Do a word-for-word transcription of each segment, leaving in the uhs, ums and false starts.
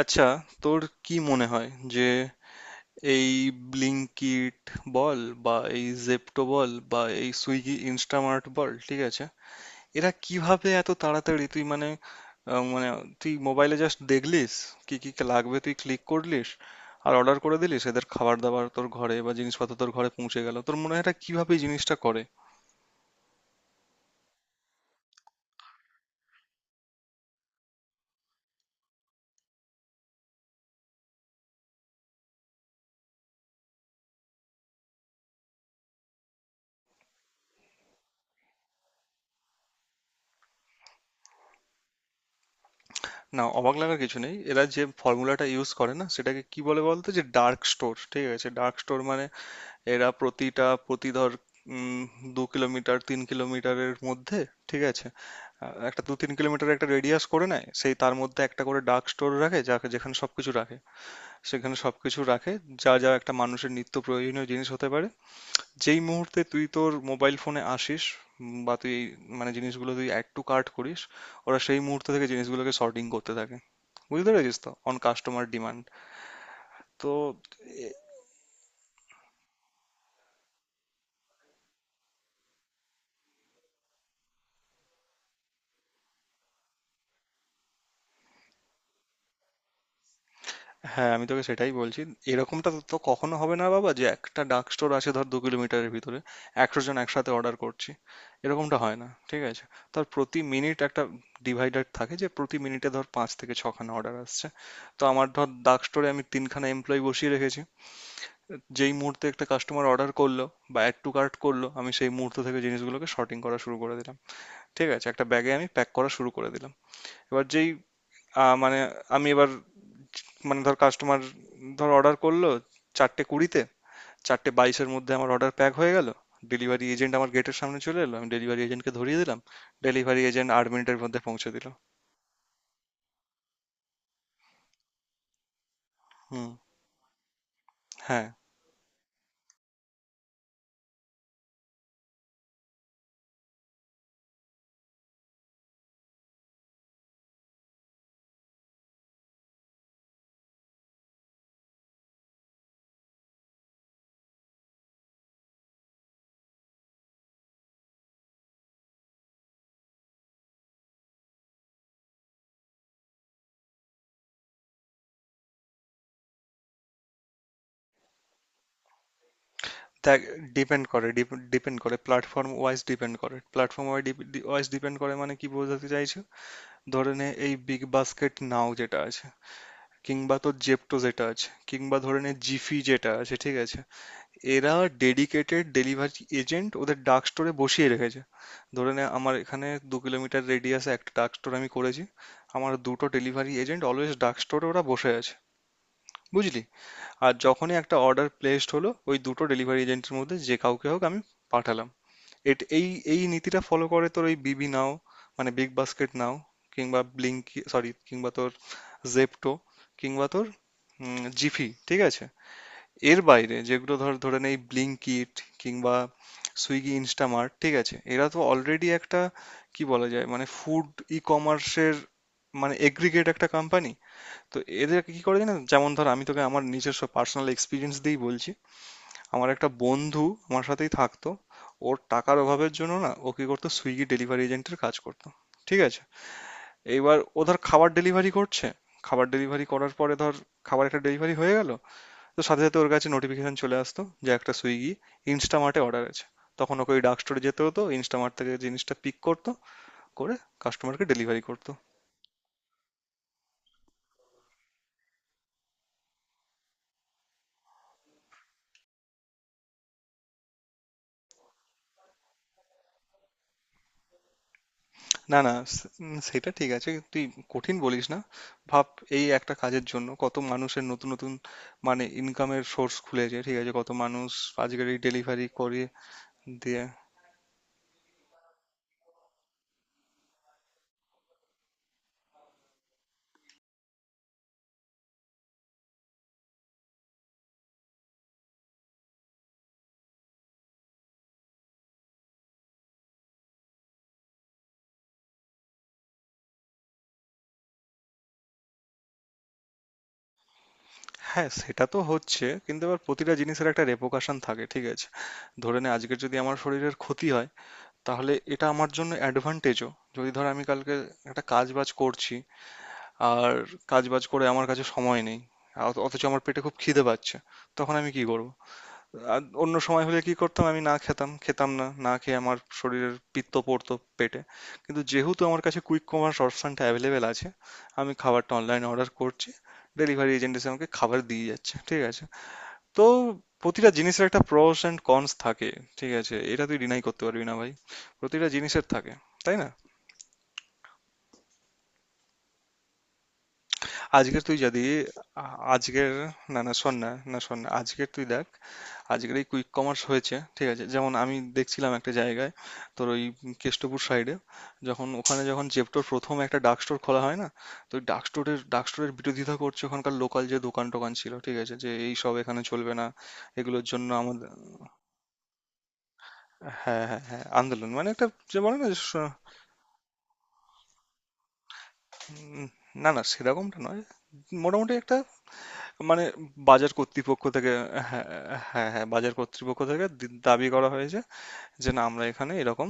আচ্ছা, তোর কি মনে হয় যে এই ব্লিঙ্কিট বল বা এই জেপ্টো বল বা এই সুইগি ইনস্টামার্ট বল, ঠিক আছে, এরা কিভাবে এত তাড়াতাড়ি তুই মানে আহ, মানে তুই মোবাইলে জাস্ট দেখলিস কি কি লাগবে, তুই ক্লিক করলিস আর অর্ডার করে দিলিস, এদের খাবার দাবার তোর ঘরে বা জিনিসপত্র তোর ঘরে পৌঁছে গেল? তোর মনে হয় এরা কিভাবে এই জিনিসটা করে? না, অবাক লাগার কিছু নেই। এরা যে ফর্মুলাটা ইউজ করে না, সেটাকে কি বলে বলতো? যে ডার্ক স্টোর, ঠিক আছে? ডার্ক স্টোর মানে এরা প্রতিটা প্রতি ধর, উম, দু কিলোমিটার তিন কিলোমিটারের মধ্যে, ঠিক আছে, আহ, একটা দু তিন কিলোমিটার একটা রেডিয়াস করে নেয়, সেই তার মধ্যে একটা করে ডার্ক স্টোর রাখে, যাকে যেখানে সবকিছু রাখে। সেখানে সবকিছু রাখে যা যা একটা মানুষের নিত্য প্রয়োজনীয় জিনিস হতে পারে। যেই মুহূর্তে তুই তোর মোবাইল ফোনে আসিস, উম, বা তুই এই মানে জিনিসগুলো তুই অ্যাড টু কার্ট করিস, ওরা সেই মুহূর্ত থেকে জিনিসগুলোকে সর্টিং করতে থাকে। বুঝতে পেরেছিস তো? On customer demand. তো হ্যাঁ, আমি তোকে সেটাই বলছি। এরকমটা তো তো কখনো হবে না বাবা, যে একটা ডার্ক স্টোর আছে ধর দু কিলোমিটারের ভিতরে, একশো জন একসাথে অর্ডার করছি, এরকমটা হয় না, ঠিক আছে? তার প্রতি মিনিট একটা ডিভাইডার থাকে, যে প্রতি মিনিটে ধর পাঁচ থেকে ছখানা অর্ডার আসছে। তো আমার ধর ডার্ক স্টোরে আমি তিনখানা এমপ্লয়ি বসিয়ে রেখেছি। যেই মুহূর্তে একটা কাস্টমার অর্ডার করলো বা অ্যাড টু কার্ট করলো, আমি সেই মুহূর্ত থেকে জিনিসগুলোকে শর্টিং করা শুরু করে দিলাম, ঠিক আছে, একটা ব্যাগে আমি প্যাক করা শুরু করে দিলাম। এবার যেই আহ, মানে আমি এবার মানে ধর কাস্টমার ধর অর্ডার করলো চারটে কুড়িতে, চারটে বাইশের মধ্যে আমার অর্ডার প্যাক হয়ে গেল, ডেলিভারি এজেন্ট আমার গেটের সামনে চলে এলো, আমি ডেলিভারি এজেন্টকে ধরিয়ে দিলাম, ডেলিভারি এজেন্ট আট মিনিটের মধ্যে পৌঁছে দিল। হুম। হ্যাঁ। দেখ, ডিপেন্ড করে। ডিপেন্ড করে প্ল্যাটফর্ম ওয়াইজ। ডিপেন্ড করে প্ল্যাটফর্ম ওয়াইজ। ডিপেন্ড করে মানে কি বোঝাতে চাইছো? ধরে নে এই বিগ বাস্কেট নাও যেটা আছে, কিংবা তোর জেপটো যেটা আছে, কিংবা ধরে নে জিফি যেটা আছে, ঠিক আছে, এরা ডেডিকেটেড ডেলিভারি এজেন্ট ওদের ডার্ক স্টোরে বসিয়ে রেখেছে। ধরে নে আমার এখানে দু কিলোমিটার রেডিয়াসে একটা ডার্ক স্টোর আমি করেছি, আমার দুটো ডেলিভারি এজেন্ট অলওয়েজ ডার্ক স্টোরে ওরা বসে আছে, বুঝলি? আর যখনই একটা অর্ডার প্লেসড হলো, ওই দুটো ডেলিভারি এজেন্টের মধ্যে যে কাউকে হোক আমি পাঠালাম। এট এই এই নীতিটা ফলো করে তোর ওই বিবি নাও, মানে বিগ বাস্কেট নাও, কিংবা ব্লিঙ্কি সরি, কিংবা তোর জেপ্টো, কিংবা তোর উম, জিফি, ঠিক আছে? এর বাইরে যেগুলো ধর, ধরে নে এই ব্লিঙ্কিট কিংবা সুইগি ইনস্টামার্ট, ঠিক আছে, এরা তো অলরেডি একটা কি বলা যায় মানে ফুড ই কমার্সের মানে এগ্রিগেট একটা কোম্পানি। তো এদের কি করে জানেন, যেমন ধর আমি তোকে আমার নিজস্ব পার্সোনাল এক্সপিরিয়েন্স দিয়েই বলছি। আমার একটা বন্ধু আমার সাথেই থাকতো, ওর টাকার অভাবের জন্য না ও কি করতো, সুইগি ডেলিভারি এজেন্টের কাজ করতো, ঠিক আছে? এইবার ও ধর খাবার ডেলিভারি করছে, খাবার ডেলিভারি করার পরে ধর খাবার একটা ডেলিভারি হয়ে গেল, তো সাথে সাথে ওর কাছে নোটিফিকেশন চলে আসতো যে একটা সুইগি ইনস্টামার্টে অর্ডার আছে, তখন ওকে ওই ডার্ক স্টোরে যেতে হতো, ইনস্টামার্ট থেকে জিনিসটা পিক করতো করে কাস্টমারকে ডেলিভারি করতো। না না, সে- উম, সেটা ঠিক আছে, তুই কঠিন বলিস না। ভাব, এই একটা কাজের জন্য কত মানুষের নতুন নতুন মানে ইনকামের সোর্স খুলেছে, ঠিক আছে, কত মানুষ আজকের এই ডেলিভারি করে দিয়ে। হ্যাঁ সেটা তো হচ্ছে, কিন্তু এবার প্রতিটা জিনিসের একটা রেপোকাশন থাকে, ঠিক আছে? ধরে নে আজকের যদি আমার শরীরের ক্ষতি হয়, তাহলে এটা আমার জন্য অ্যাডভান্টেজও। যদি ধর আমি কালকে একটা কাজ বাজ করছি, আর কাজ বাজ করে আমার কাছে সময় নেই, অথ- অথচ আমার পেটে খুব খিদে পাচ্ছে, তখন আমি কি করব? আর অন্য সময় হলে কি করতাম? আমি না খেতাম, খেতাম না, না খেয়ে আমার শরীরের পিত্ত পড়তো পেটে। কিন্তু যেহেতু আমার কাছে কুইক কমার্স অপশনটা অ্যাভেলেবেল আছে, আমি খাবারটা অনলাইন অর্ডার করছি, ডেলিভারি এজেন্ট এসে আমাকে খাবার দিয়ে যাচ্ছে, ঠিক আছে? তো প্রতিটা জিনিসের একটা প্রোস এন্ড কনস থাকে, ঠিক আছে, এটা তুই ডিনাই করতে পারবি না ভাই, প্রতিটা জিনিসের থাকে, তাই না? আজকে তুই যদি আ- আজকের, না না শোন না, না শোন না, আজকের তুই দেখ, আজকের এই কুইক কমার্স হয়েছে, ঠিক আছে, যেমন আমি দেখছিলাম একটা জায়গায়, তোর ওই কেষ্টপুর সাইডে, যখন ওখানে যখন জেপ্টোর প্রথম একটা ডার্ক স্টোর খোলা হয় না, তো ওই ডার্ক স্টোরের ডার্ক স্টোরের বিরোধিতা করছে ওখানকার লোকাল যে দোকান টোকান ছিল, ঠিক আছে, যে এই সব এখানে চলবে না, এগুলোর জন্য আমাদের। হ্যাঁ হ্যাঁ হ্যাঁ, আন্দোলন মানে একটা, যে বলে না যে স- উম, না না, সেরকমটা নয়, মোটামুটি একটা মানে বাজার কর্তৃপক্ষ থেকে। হ্যাঁ হ্যাঁ হ্যাঁ, বাজার কর্তৃপক্ষ থেকে দি- দাবি করা হয়েছে যে না, আমরা এখানে এরকম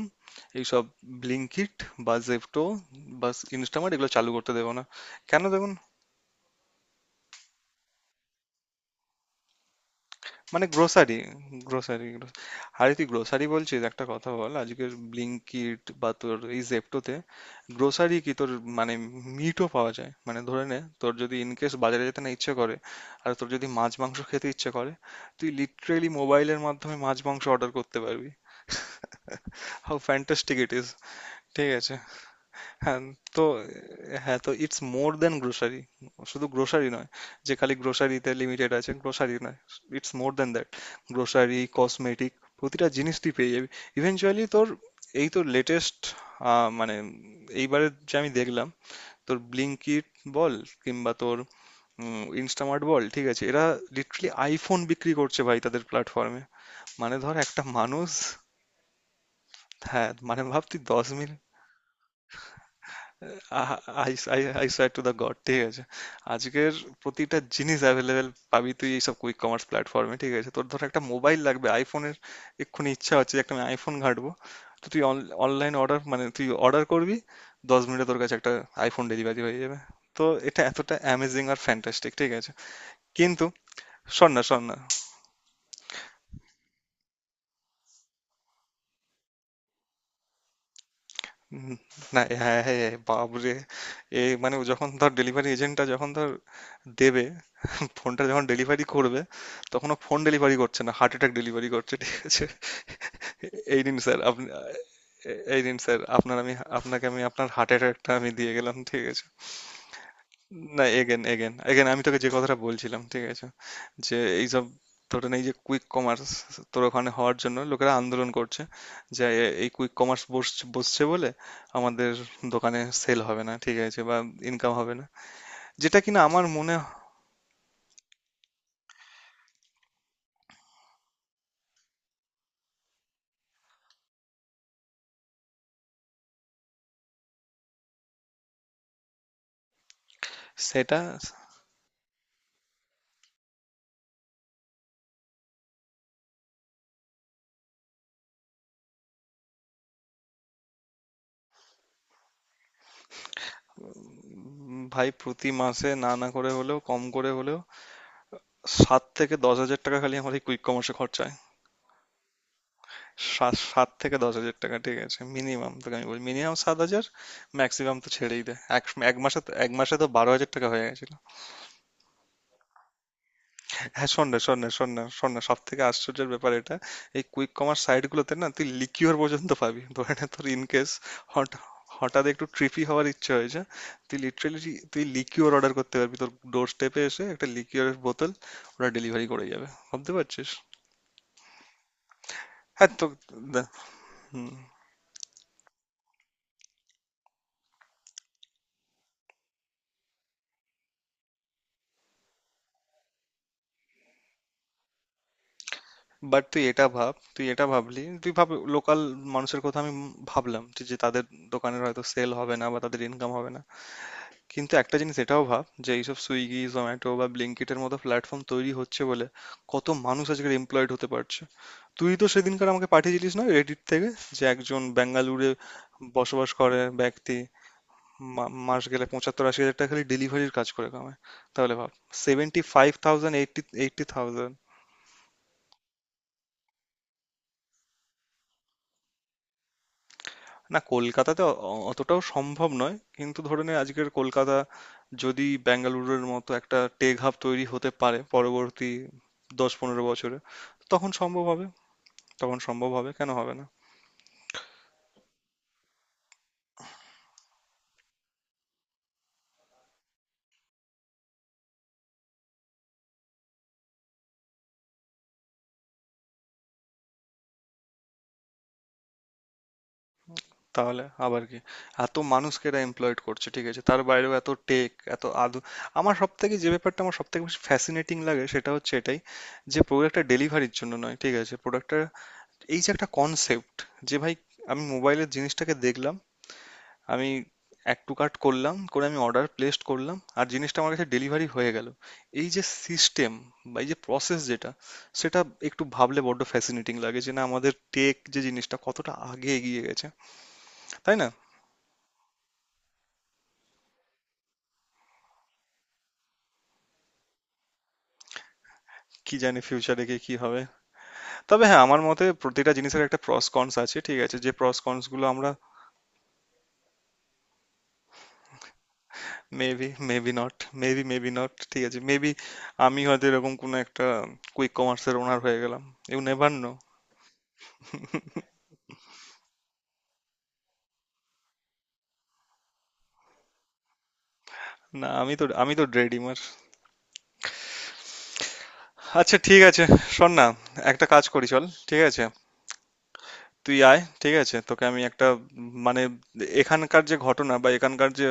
এইসব ব্লিঙ্কিট বা জেপ্টো বা ইনস্টামার্ট এগুলো চালু করতে দেবো না। কেন দেখুন, মানে গ্রোসারি, গ্রোসারি, গ্রো আরে তুই গ্রোসারি বলছিস? একটা কথা বল, আজকের ব্লিঙ্কিট বা তোর এই জেপ্টোতে গ্রোসারি কি তোর মানে মিটও পাওয়া যায়। মানে ধরে নে তোর যদি ইনকেস বাজারে যেতে না ইচ্ছে করে আর তোর যদি মাছ মাংস খেতে ইচ্ছে করে, তুই লিটারেলি মোবাইলের মাধ্যমে মাছ মাংস অর্ডার করতে পারবি। How fantastic it is! ঠিক আছে? হ্যাঁ তো, হ্যাঁ তো ইটস মোর দ্যান গ্রোসারি, শুধু গ্রোসারি নয়, যে খালি গ্রোসারিতে লিমিটেড আছে, গ্রোসারি নয়, it's more than that. Grocery, cosmetic, প্রতিটা জিনিস তুই পেয়ে যাবি। ইভেনচুয়ালি তোর এই তো লেটেস্ট মানে এইবারে যে আমি দেখলাম, তোর ব্লিঙ্কিট বল কিংবা তোর ইনস্টামার্ট বল, ঠিক আছে, এরা লিটারালি আইফোন বিক্রি করছে ভাই তাদের প্ল্যাটফর্মে। মানে ধর একটা মানুষ, হ্যাঁ মানে ভাব তুই দশ minute, I I I swear to the God, ঠিক আছে? আজকের প্রতিটা জিনিস অ্যাভেলেবেল পাবি তুই এইসব কুইক কমার্স প্ল্যাটফর্মে, ঠিক আছে? তোর ধর একটা মোবাইল লাগবে আইফোনের, এক্ষুনি ইচ্ছা হচ্ছে যে একটা আমি আইফোন ঘাঁটবো, তো তুই অনলাইন অর্ডার মানে তুই অর্ডার করবি, দশ মিনিটে তোর কাছে একটা আইফোন ডেলিভারি হয়ে যাবে। তো এটা এতটা অ্যামেজিং আর ফ্যান্টাস্টিক, ঠিক আছে? কিন্তু শোন না, শোন না, উম, না হ্যাঁ হ্যাঁ, বাবরে! এ মানে ও যখন ধর ডেলিভারি এজেন্টটা যখন ধর দেবে, ফোনটা যখন ডেলিভারি করবে, তখন ও ফোন ডেলিভারি করছে না, হার্ট অ্যাটাক ডেলিভারি করছে, ঠিক আছে? এই নিন স্যার, আপনি, এই নিন স্যার আপনার, আমি আপনাকে, আমি আপনার হার্ট অ্যাটাকটা আমি দিয়ে গেলাম, ঠিক আছে? না, এগেন এগেন এগেন, আমি তোকে যে কথাটা বলছিলাম, ঠিক আছে, যে এইসব ধরেন এই যে কুইক কমার্স তোর ওখানে হওয়ার জন্য লোকেরা আন্দোলন করছে, যে এ- এই কুইক কমার্স বসছে বলে আমাদের দোকানে সেল হবে না, ঠিক আছে, বা ইনকাম হবে না, যেটা কিনা আমার মনে সেটা। উম, ভাই প্রতি মাসে না না করে হলেও, কম করে হলেও সাত থেকে দশ হাজার টাকা খালি আমার এই কুইক কমার্সে খরচা হয়। সাত সাত থেকে দশ হাজার টাকা, ঠিক আছে, মিনিমাম তোকে আমি বলি মিনিমাম সাত হাজার, ম্যাক্সিমাম তো ছেড়েই দেয়। এক এক মাসে তো- এক মাসে তো বারো হাজার টাকা হয়ে গেছিল। হ্যাঁ শোন না শোন না শোন না শোন না, সব থেকে আশ্চর্যের ব্যাপার এটা, এই কুইক কমার্স সাইট গুলোতে না তুই লিকিউর পর্যন্ত পাবি। ধরে নে তোর ইন কেস হঠাৎ একটু ট্রিপি হওয়ার ইচ্ছে হয়েছে, তুই লিটারেলি তুই লিকিউর অর্ডার করতে পারবি, তোর ডোর স্টেপে এসে একটা লিকিউরের বোতল ওরা ডেলিভারি করে যাবে, ভাবতে পারছিস? হ্যাঁ তো দে- হুম। বাট তুই এটা ভাব, তুই এটা ভাবলি, তুই ভাব লোকাল মানুষের কথা আমি ভাবলাম, যে যে তাদের দোকানের হয়তো সেল হবে না বা তাদের ইনকাম হবে না, কিন্তু একটা জিনিস এটাও ভাব, যে এইসব সুইগি জোম্যাটো বা ব্লিঙ্কিটের মতো প্ল্যাটফর্ম তৈরি হচ্ছে বলে কত মানুষ আজকাল এমপ্লয়েড হতে পারছে। তুই তো সেদিনকার আমাকে পাঠিয়েছিলিস না রেডিট থেকে, যে একজন বেঙ্গালুরে বসবাস করে ব্যক্তি মা- মাস গেলে পঁচাত্তর আশি হাজার টাকা খালি ডেলিভারির কাজ করে কামায়। তাহলে ভাব, seventy five thousand, eighty eighty thousand. না কলকাতাতে অ- অ- অতটাও সম্ভব নয়, কিন্তু ধরে নে আজকের কলকাতা যদি বেঙ্গালুরুর মতো একটা টেক হাব তৈরি হতে পারে পরবর্তী দশ পনেরো বছরে, তখন সম্ভব হবে। তখন সম্ভব হবে, কেন হবে না? তাহলে আবার কি? এত মানুষকে এরা এমপ্লয়েড করছে, ঠিক আছে, তার বাইরেও এত টেক এত আধু। আমার সব থেকে যে ব্যাপারটা, আমার সব থেকে বেশি ফ্যাসিনেটিং লাগে সেটা হচ্ছে এটাই, যে প্রোডাক্টটা ডেলিভারির জন্য নয়, ঠিক আছে, প্রোডাক্টটা এই যে একটা কনসেপ্ট, যে ভাই আমি মোবাইলের জিনিসটাকে দেখলাম, আমি অ্যাড টু কার্ট করলাম, করে আমি অর্ডার প্লেসড করলাম, আর জিনিসটা আমার কাছে ডেলিভারি হয়ে গেল। এই যে সিস্টেম বা এই যে প্রসেস যেটা, সেটা একটু ভাবলে বড্ড ফ্যাসিনেটিং লাগে, যে না আমাদের টেক যে জিনিসটা কতটা আগে এগিয়ে গেছে, তাই না? কি জানি ফিউচারে গিয়ে কি হবে। তবে হ্যাঁ, আমার মতে প্রতিটা জিনিসের একটা প্রস কনস আছে, ঠিক আছে, যে প্রস কনস গুলো আমরা। Maybe, maybe not. Maybe, maybe not, ঠিক আছে, মেবি আমি হয়তো এরকম কোনো একটা কুইক কমার্সের ওনার হয়ে গেলাম, ইউ নেভার নো। না আমি তো, আমি তো ড্রেডিমার। আচ্ছা ঠিক আছে, শোন না, একটা কাজ করি চল, ঠিক আছে? তুই আয়, ঠিক আছে, তোকে আমি একটা উম, মানে এখানকার যে ঘটনা বা এখানকার যে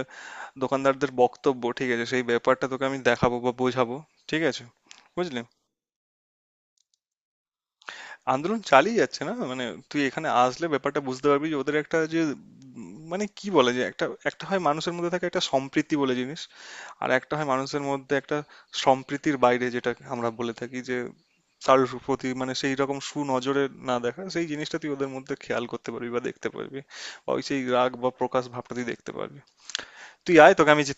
দোকানদারদের বক্তব্য, ঠিক আছে, সেই ব্যাপারটা তোকে আমি দেখাবো বা বোঝাবো, ঠিক আছে? বুঝলি? আন্দোলন চালিয়ে যাচ্ছে না মানে, তুই এখানে আসলে ব্যাপারটা বুঝতে পারবি যে ওদের একটা যে উম, মানে কি বলে যে একটা, একটা হয় মানুষের মধ্যে থাকে একটা সম্প্রীতি বলে জিনিস, আর একটা হয় মানুষের মধ্যে একটা সম্প্রীতির বাইরে, যেটা আমরা বলে থাকি যে তার প্রতি মানে সেই রকম সুনজরে না দেখা, সেই জিনিসটা তুই ওদের মধ্যে খেয়াল করতে পারবি বা দেখতে পারবি, বা ওই সেই রাগ বা প্রকাশ ভাবটা তুই দেখতে পারবি। তুই আয়, তোকে আমি যে।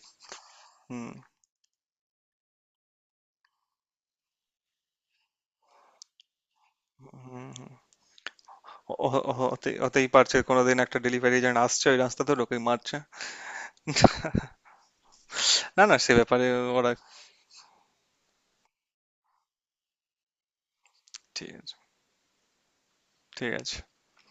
হুম, হুম। হুম। হ- হ- হতে- হতেই পারছে, কোনোদিন একটা ডেলিভারি এজেন্ট আসছে ওই রাস্তা ধরে, ওকে মারছে। না না সে ব্যাপারে ওরা, ঠিক আছে, ঠিক আছে।